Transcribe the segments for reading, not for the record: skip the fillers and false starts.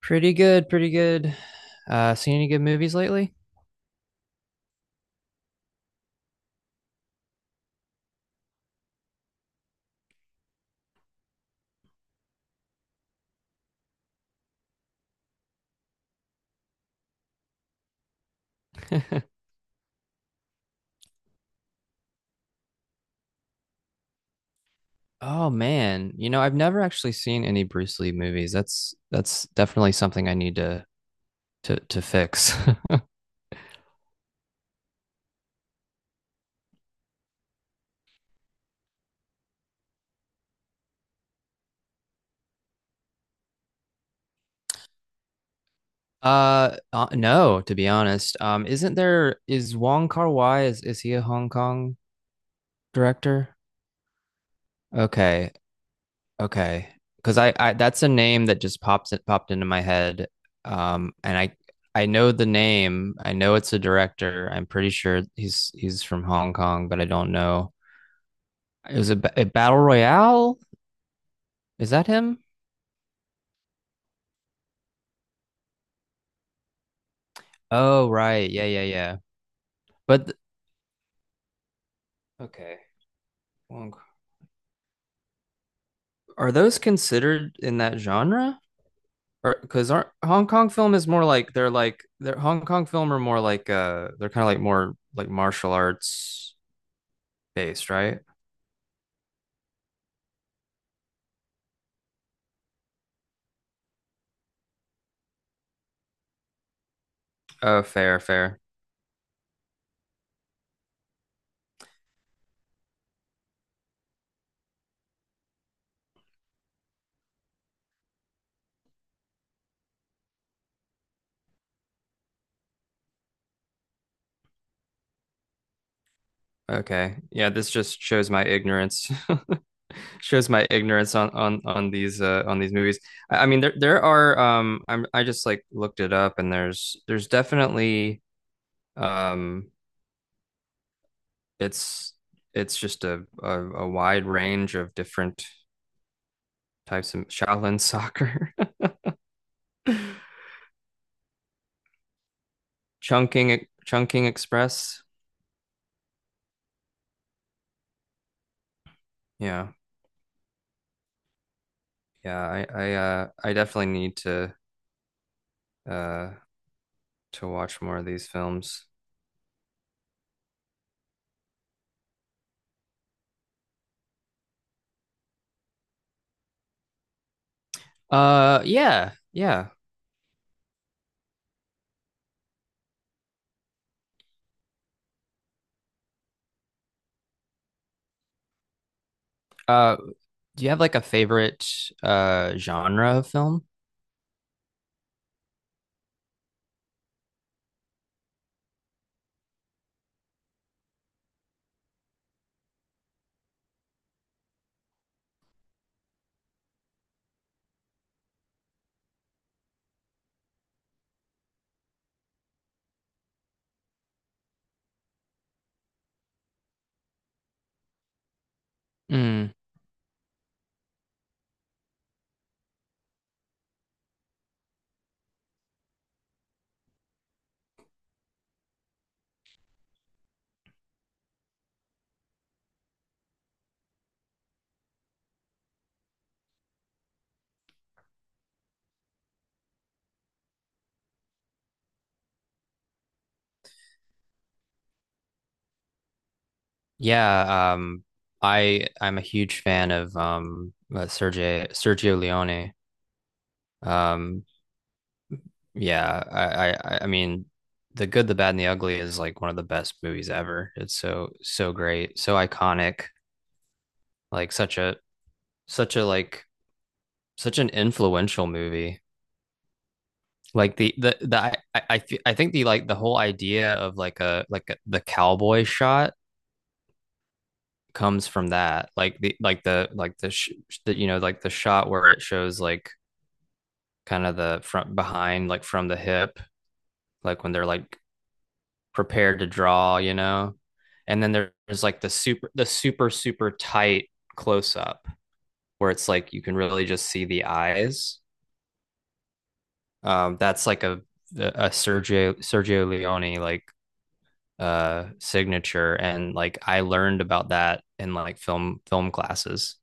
Pretty good, pretty good. Seen any good movies lately? Oh man, I've never actually seen any Bruce Lee movies. That's definitely something I need to fix. No, to be honest. Isn't there is Wong Kar-wai is he a Hong Kong director? Okay. Okay. Because I that's a name that just pops it popped into my head. And I know the name. I know it's a director. I'm pretty sure he's from Hong Kong, but I don't know. It was a battle royale. Is that him? Oh, right. Yeah, yeah, yeah. But okay. Are those considered in that genre? Or because aren't Hong Kong film is more like they're Hong Kong film are more like they're kind of like more like martial arts based, right? Oh, fair, fair. Okay. Yeah, this just shows my ignorance. Shows my ignorance on these on these movies. I mean there are I just like looked it up and there's definitely um it's it's just a wide range of different types of Shaolin soccer. Chunking Express. Yeah. Yeah, I definitely need uh to watch more of these films. Yeah. Yeah. Uh, do you have like a favorite genre of film? Mm, yeah, I'm a huge fan of Sergio Leone. Um yeah, I mean The Good, the Bad and the Ugly is like one of the best movies ever. It's so great, so iconic, like such a like such an influential movie. Like the I, th I think the like the whole idea of like a, the cowboy shot comes from that like the you know like the shot where it shows like kind of the front behind like from the hip like when they're like prepared to draw. And then there's like the super super tight close up where it's like you can really just see the eyes. That's like a Sergio Leone like signature, and like I learned about that in like film classes,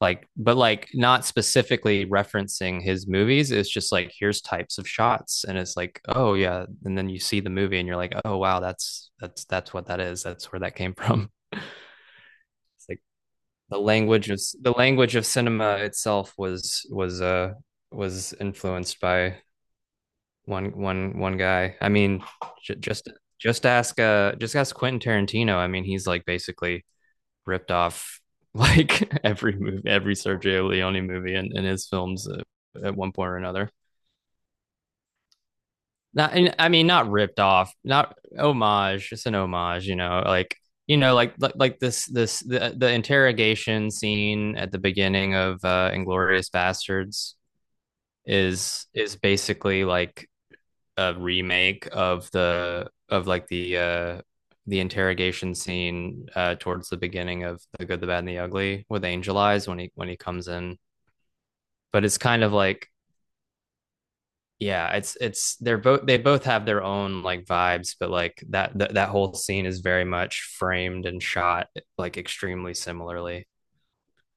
like but like not specifically referencing his movies. It's just like here's types of shots and it's like, oh yeah, and then you see the movie and you're like, oh wow, that's what that is, that's where that came from. It's like the language of cinema itself was influenced by one guy. I mean, j- just just ask Quentin Tarantino. I mean, he's like basically ripped off like every movie, every Sergio Leone movie in his films, at one point or another. Not, and, I mean, not ripped off, not homage. It's an homage. You know, like, the interrogation scene at the beginning of Inglorious Bastards is basically like a remake of the of like the interrogation scene towards the beginning of The Good, the Bad, and the Ugly with Angel Eyes when he comes in. But it's kind of like, yeah, it's they're both, they both have their own like vibes, but like that whole scene is very much framed and shot like extremely similarly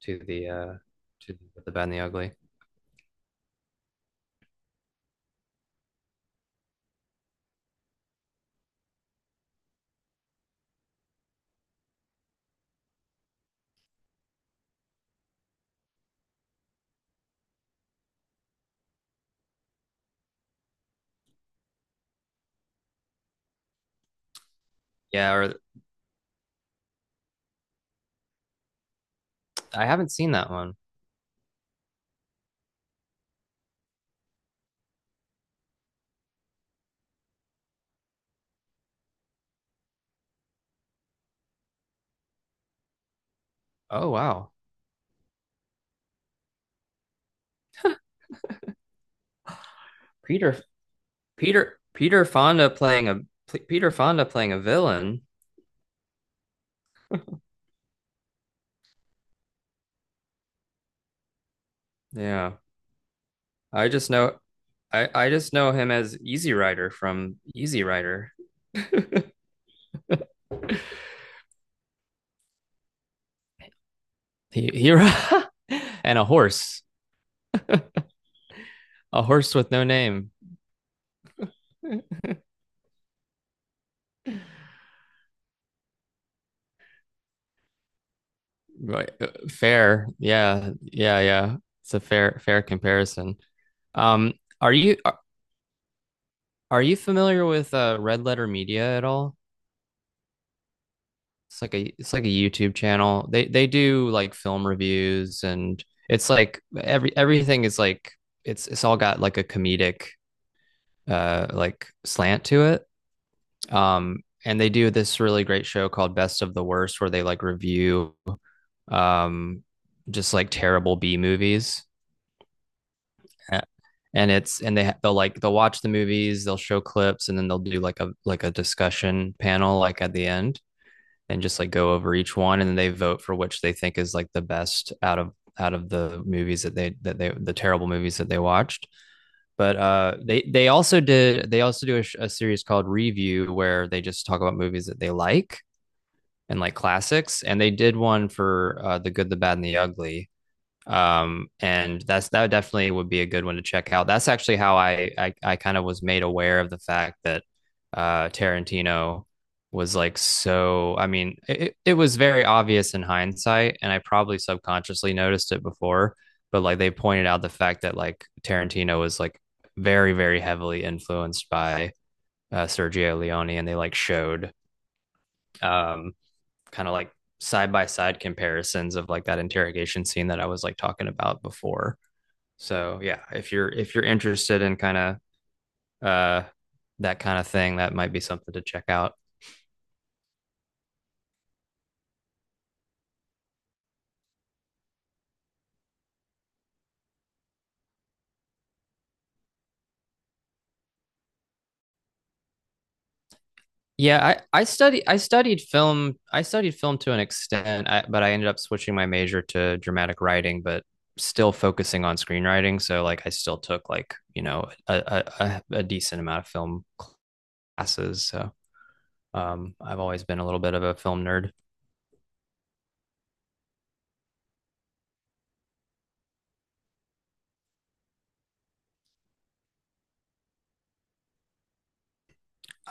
to the uh to the bad and the ugly. Yeah, or I haven't seen that one. Oh wow. Peter Peter Peter Fonda playing a Peter Fonda playing a villain. Yeah, I just know, I just know him as Easy Rider from Easy Rider. He. And a horse, a horse with no name. Right, fair. Yeah, yeah, yeah. It's a fair comparison. Um, are you are, are you familiar with Red Letter Media at all? It's like a YouTube channel. They do like film reviews, and it's like everything is like it's all got like a comedic like slant to it. Um and they do this really great show called Best of the Worst where they like review um just like terrible B movies. And it's, and they'll watch the movies, they'll show clips, and then they'll do like a discussion panel like at the end, and just like go over each one, and then they vote for which they think is like the best out of the movies that the terrible movies that they watched. But they also do a series called review where they just talk about movies that they like and like classics, and they did one for the good the bad and the ugly. And that definitely would be a good one to check out. That's actually how I kind of was made aware of the fact that Tarantino was like, I mean, it was very obvious in hindsight, and I probably subconsciously noticed it before, but like they pointed out the fact that like Tarantino was like very very heavily influenced by Sergio Leone, and they like showed um kind of like side by side comparisons of like that interrogation scene that I was like talking about before. So yeah, if you're interested in kind of that kind of thing, that might be something to check out. Yeah, I study I studied film to an extent, but I ended up switching my major to dramatic writing, but still focusing on screenwriting. So like I still took like a decent amount of film classes. So I've always been a little bit of a film nerd.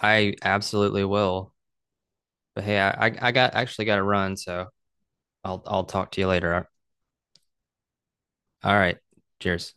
I absolutely will. But hey, I got to run, so I'll talk to you later. All right, cheers.